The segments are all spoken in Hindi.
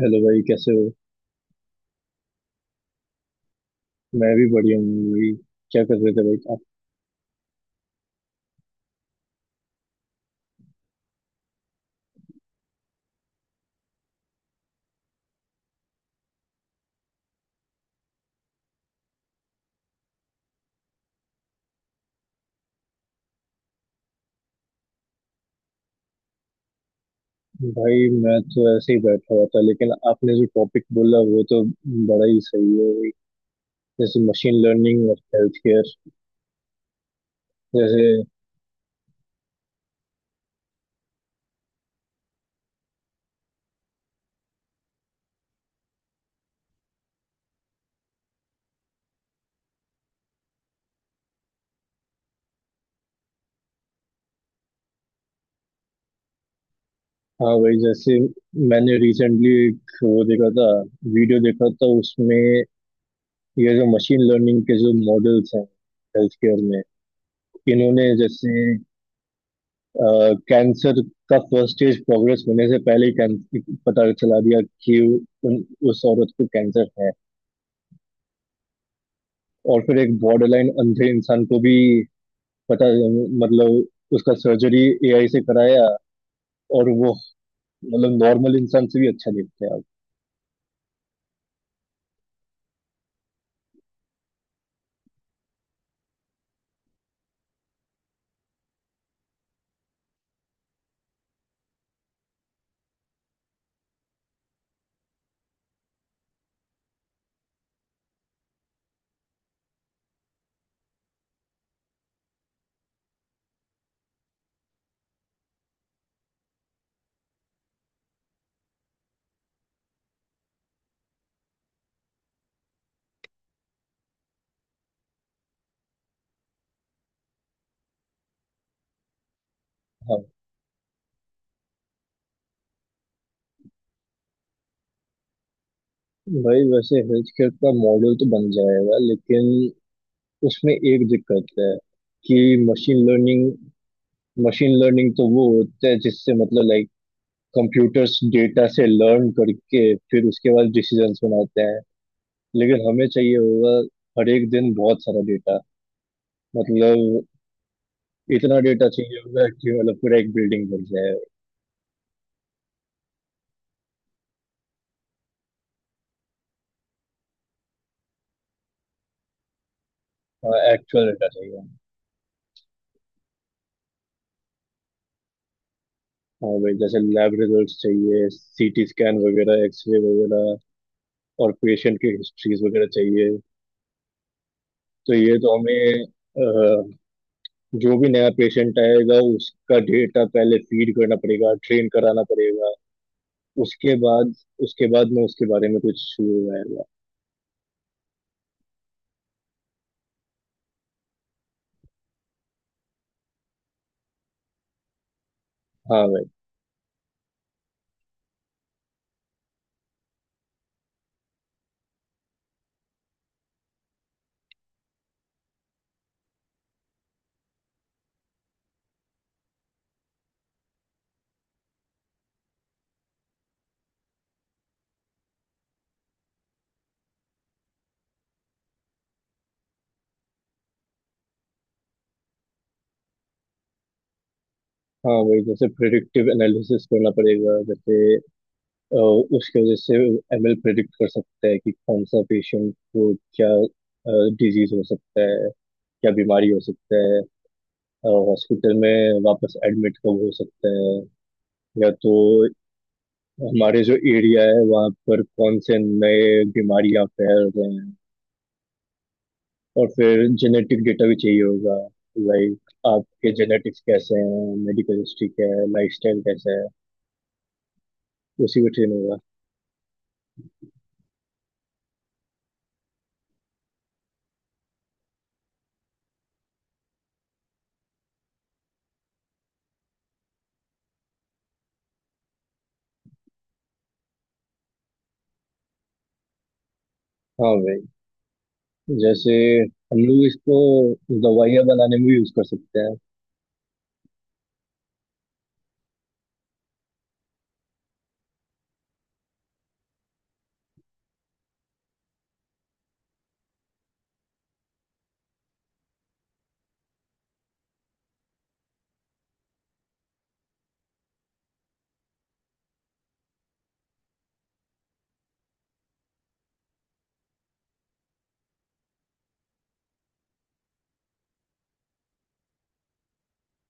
हेलो भाई, कैसे हो। मैं भी बढ़िया हूँ भाई। क्या कर रहे थे भाई आप? भाई मैं तो ऐसे ही बैठा हुआ था, लेकिन आपने जो टॉपिक बोला वो तो बड़ा ही सही है भाई। जैसे मशीन लर्निंग और हेल्थ केयर। जैसे हाँ भाई, जैसे मैंने रिसेंटली एक वो देखा था, वीडियो देखा था। उसमें ये जो मशीन लर्निंग के जो मॉडल्स हैं हेल्थ केयर में, इन्होंने जैसे कैंसर का फर्स्ट स्टेज प्रोग्रेस होने से पहले ही कैंसर पता चला दिया कि उन, उस औरत को कैंसर है। और फिर एक बॉर्डर लाइन अंधे इंसान को भी, पता, मतलब उसका सर्जरी एआई से कराया, और वो मतलब नॉर्मल इंसान से भी अच्छा दिखता है अब। हाँ भाई, वैसे हेल्थ केयर का मॉडल तो बन जाएगा, लेकिन उसमें एक दिक्कत है कि मशीन लर्निंग, ML तो वो होता है जिससे मतलब लाइक कंप्यूटर्स डेटा से लर्न करके फिर उसके बाद डिसीजंस बनाते हैं। लेकिन हमें चाहिए होगा हर एक दिन बहुत सारा डेटा। मतलब इतना डेटा चाहिए होगा कि मतलब पूरा एक बिल्डिंग बन जाए। एक्चुअल डेटा चाहिए हमें। हाँ भाई, जैसे लैब रिजल्ट्स चाहिए, सीटी स्कैन वगैरह, एक्सरे वगैरह, और पेशेंट की हिस्ट्रीज वगैरह चाहिए। तो ये तो हमें जो भी नया पेशेंट आएगा उसका डेटा पहले फीड करना पड़ेगा, ट्रेन कराना पड़ेगा। उसके बाद, उसके बाद मैं उसके बारे में कुछ शुरू रहेगा। हाँ भाई। हाँ वही, जैसे प्रिडिक्टिव एनालिसिस करना पड़ेगा। जैसे अ, उसके वजह से एमएल प्रिडिक्ट कर सकता है कि कौन सा पेशेंट को क्या डिजीज हो सकता है, क्या बीमारी हो सकता है, हॉस्पिटल में वापस एडमिट कब हो सकता है, या तो हमारे जो एरिया है वहाँ पर कौन से नए बीमारी फैल रहे हैं। और फिर जेनेटिक डेटा भी चाहिए होगा। लाइक आपके जेनेटिक्स कैसे हैं, मेडिकल हिस्ट्री क्या है, लाइफस्टाइल कैसा है, उसी पे ट्रेन होगा। हाँ भाई, जैसे हम लोग इसको दवाइयाँ बनाने में भी यूज कर सकते हैं।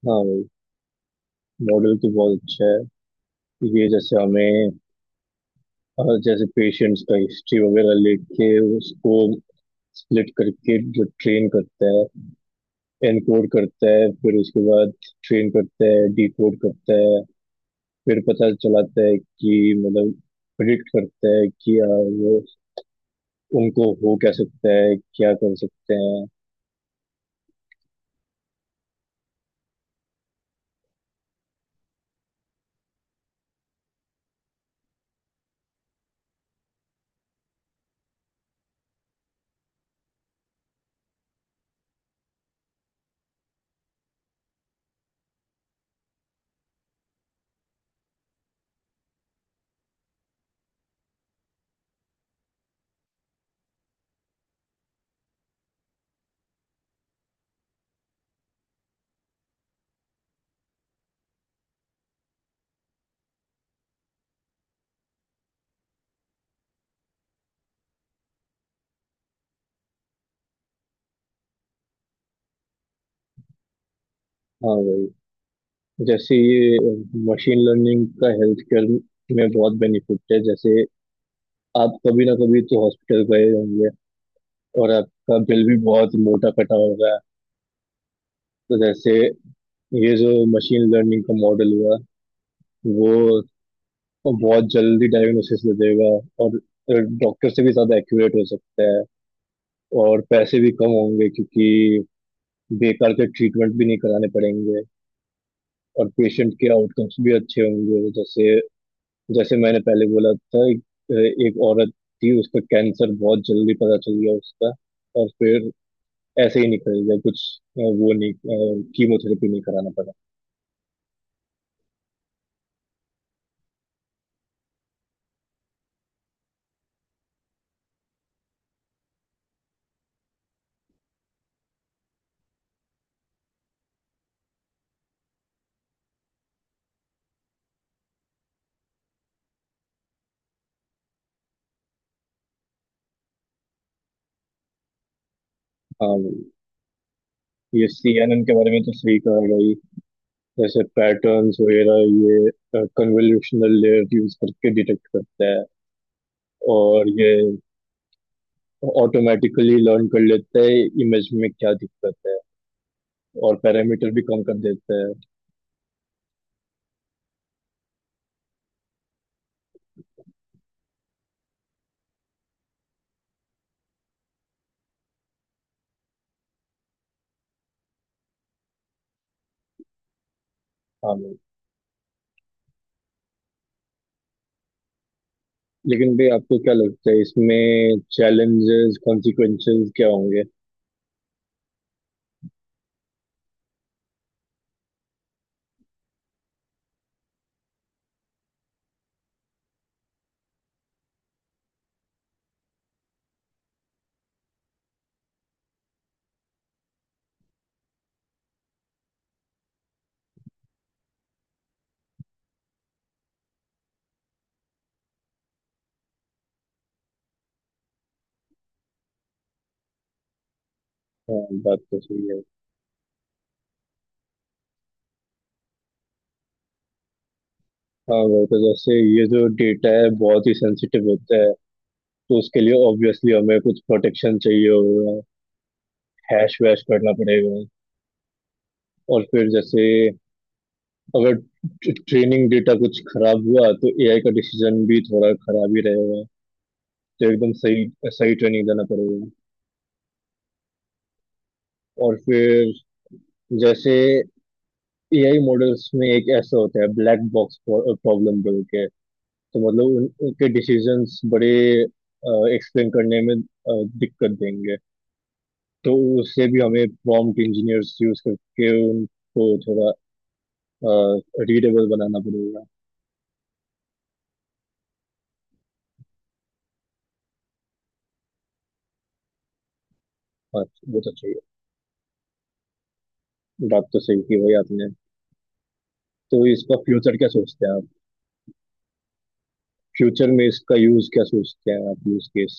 हाँ भाई, मॉडल तो बहुत अच्छा है। ये जैसे हमें जैसे पेशेंट्स का हिस्ट्री वगैरह लेके उसको स्प्लिट करके जो ट्रेन करता है, एनकोड करता है, फिर उसके बाद ट्रेन करता है, डिकोड करता है, फिर पता चलाता है कि मतलब प्रिडिक्ट करता है कि वो उनको हो क्या सकता है, क्या कर सकते हैं। हाँ भाई, जैसे ये मशीन लर्निंग का हेल्थ केयर में बहुत बेनिफिट है। जैसे आप कभी ना कभी तो हॉस्पिटल गए होंगे, और आपका बिल भी बहुत मोटा कटा होगा। तो जैसे ये जो मशीन लर्निंग का मॉडल हुआ वो बहुत जल्दी डायग्नोसिस दे देगा, और डॉक्टर से भी ज़्यादा एक्यूरेट हो सकता है, और पैसे भी कम होंगे क्योंकि बेकार के ट्रीटमेंट भी नहीं कराने पड़ेंगे, और पेशेंट के आउटकम्स भी अच्छे होंगे। जैसे जैसे मैंने पहले बोला था, एक औरत थी, उसका कैंसर बहुत जल्दी पता चल गया उसका, और फिर ऐसे ही निकल गया। कुछ वो नहीं, कीमोथेरेपी नहीं कराना पड़ा। हाँ, ये सीएनएन के बारे में तो सही कहा भाई। जैसे पैटर्न्स वगैरह ये कन्वोल्यूशनल लेयर यूज करके डिटेक्ट करता है, और ये ऑटोमेटिकली लर्न कर लेता है इमेज में क्या दिक्कत है, और पैरामीटर भी कम कर देता है। हाँ मैम, लेकिन भाई आपको क्या लगता है इसमें चैलेंजेस कॉन्सिक्वेंसेस क्या होंगे? हाँ, बात तो सही है। हाँ भाई, तो जैसे ये जो डेटा है बहुत ही सेंसिटिव होता है। तो उसके लिए ऑब्वियसली हमें कुछ प्रोटेक्शन चाहिए होगा, हैश वैश करना पड़ेगा। और फिर जैसे अगर ट्रेनिंग डेटा कुछ खराब हुआ तो एआई का डिसीजन भी थोड़ा खराब ही रहेगा। तो एकदम सही, सही ट्रेनिंग देना पड़ेगा। और फिर जैसे एआई मॉडल्स में एक ऐसा होता है, ब्लैक बॉक्स प्रॉब्लम बोल के। तो मतलब उनके डिसीजंस बड़े एक्सप्लेन करने में दिक्कत देंगे। तो उससे भी हमें प्रॉम्प्ट इंजीनियर्स यूज करके उनको थोड़ा रीडेबल बनाना पड़ेगा। हाँ, वो तो चाहिए। बात तो सही की भाई आपने। तो इसका फ्यूचर क्या सोचते हैं आप? फ्यूचर में इसका यूज क्या सोचते हैं आप, यूज केस?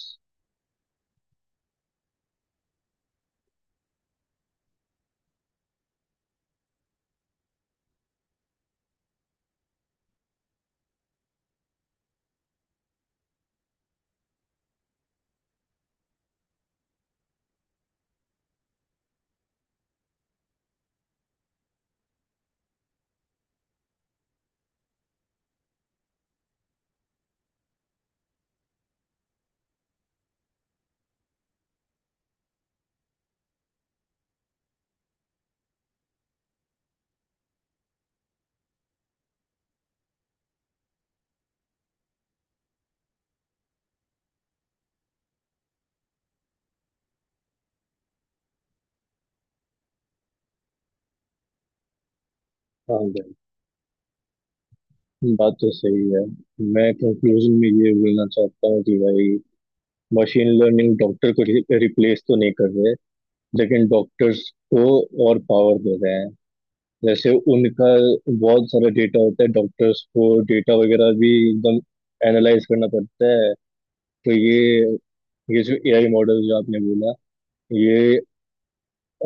हाँ, बात तो सही है। मैं कंक्लूजन में ये बोलना चाहता हूँ कि भाई मशीन लर्निंग डॉक्टर को रिप्लेस तो नहीं कर रहे, लेकिन डॉक्टर्स को और पावर दे रहे हैं। जैसे उनका बहुत सारा डेटा होता है, डॉक्टर्स को डेटा वगैरह भी एकदम एनालाइज करना पड़ता है। तो ये जो एआई मॉडल जो आपने बोला, ये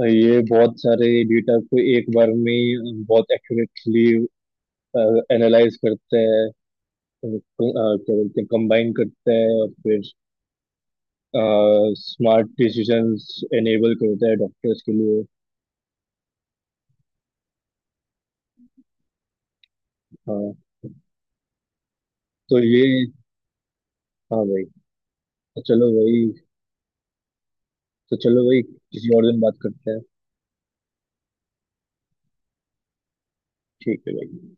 ये बहुत सारे डेटा को एक बार में ही बहुत एक्यूरेटली एनालाइज करते हैं, क्या बोलते हैं कंबाइन करता है, और फिर स्मार्ट डिसीजंस एनेबल करता है डॉक्टर्स के लिए। हाँ तो ये, हाँ भाई, तो चलो भाई, तो चलो भाई किसी और दिन बात करते हैं। ठीक है भाई।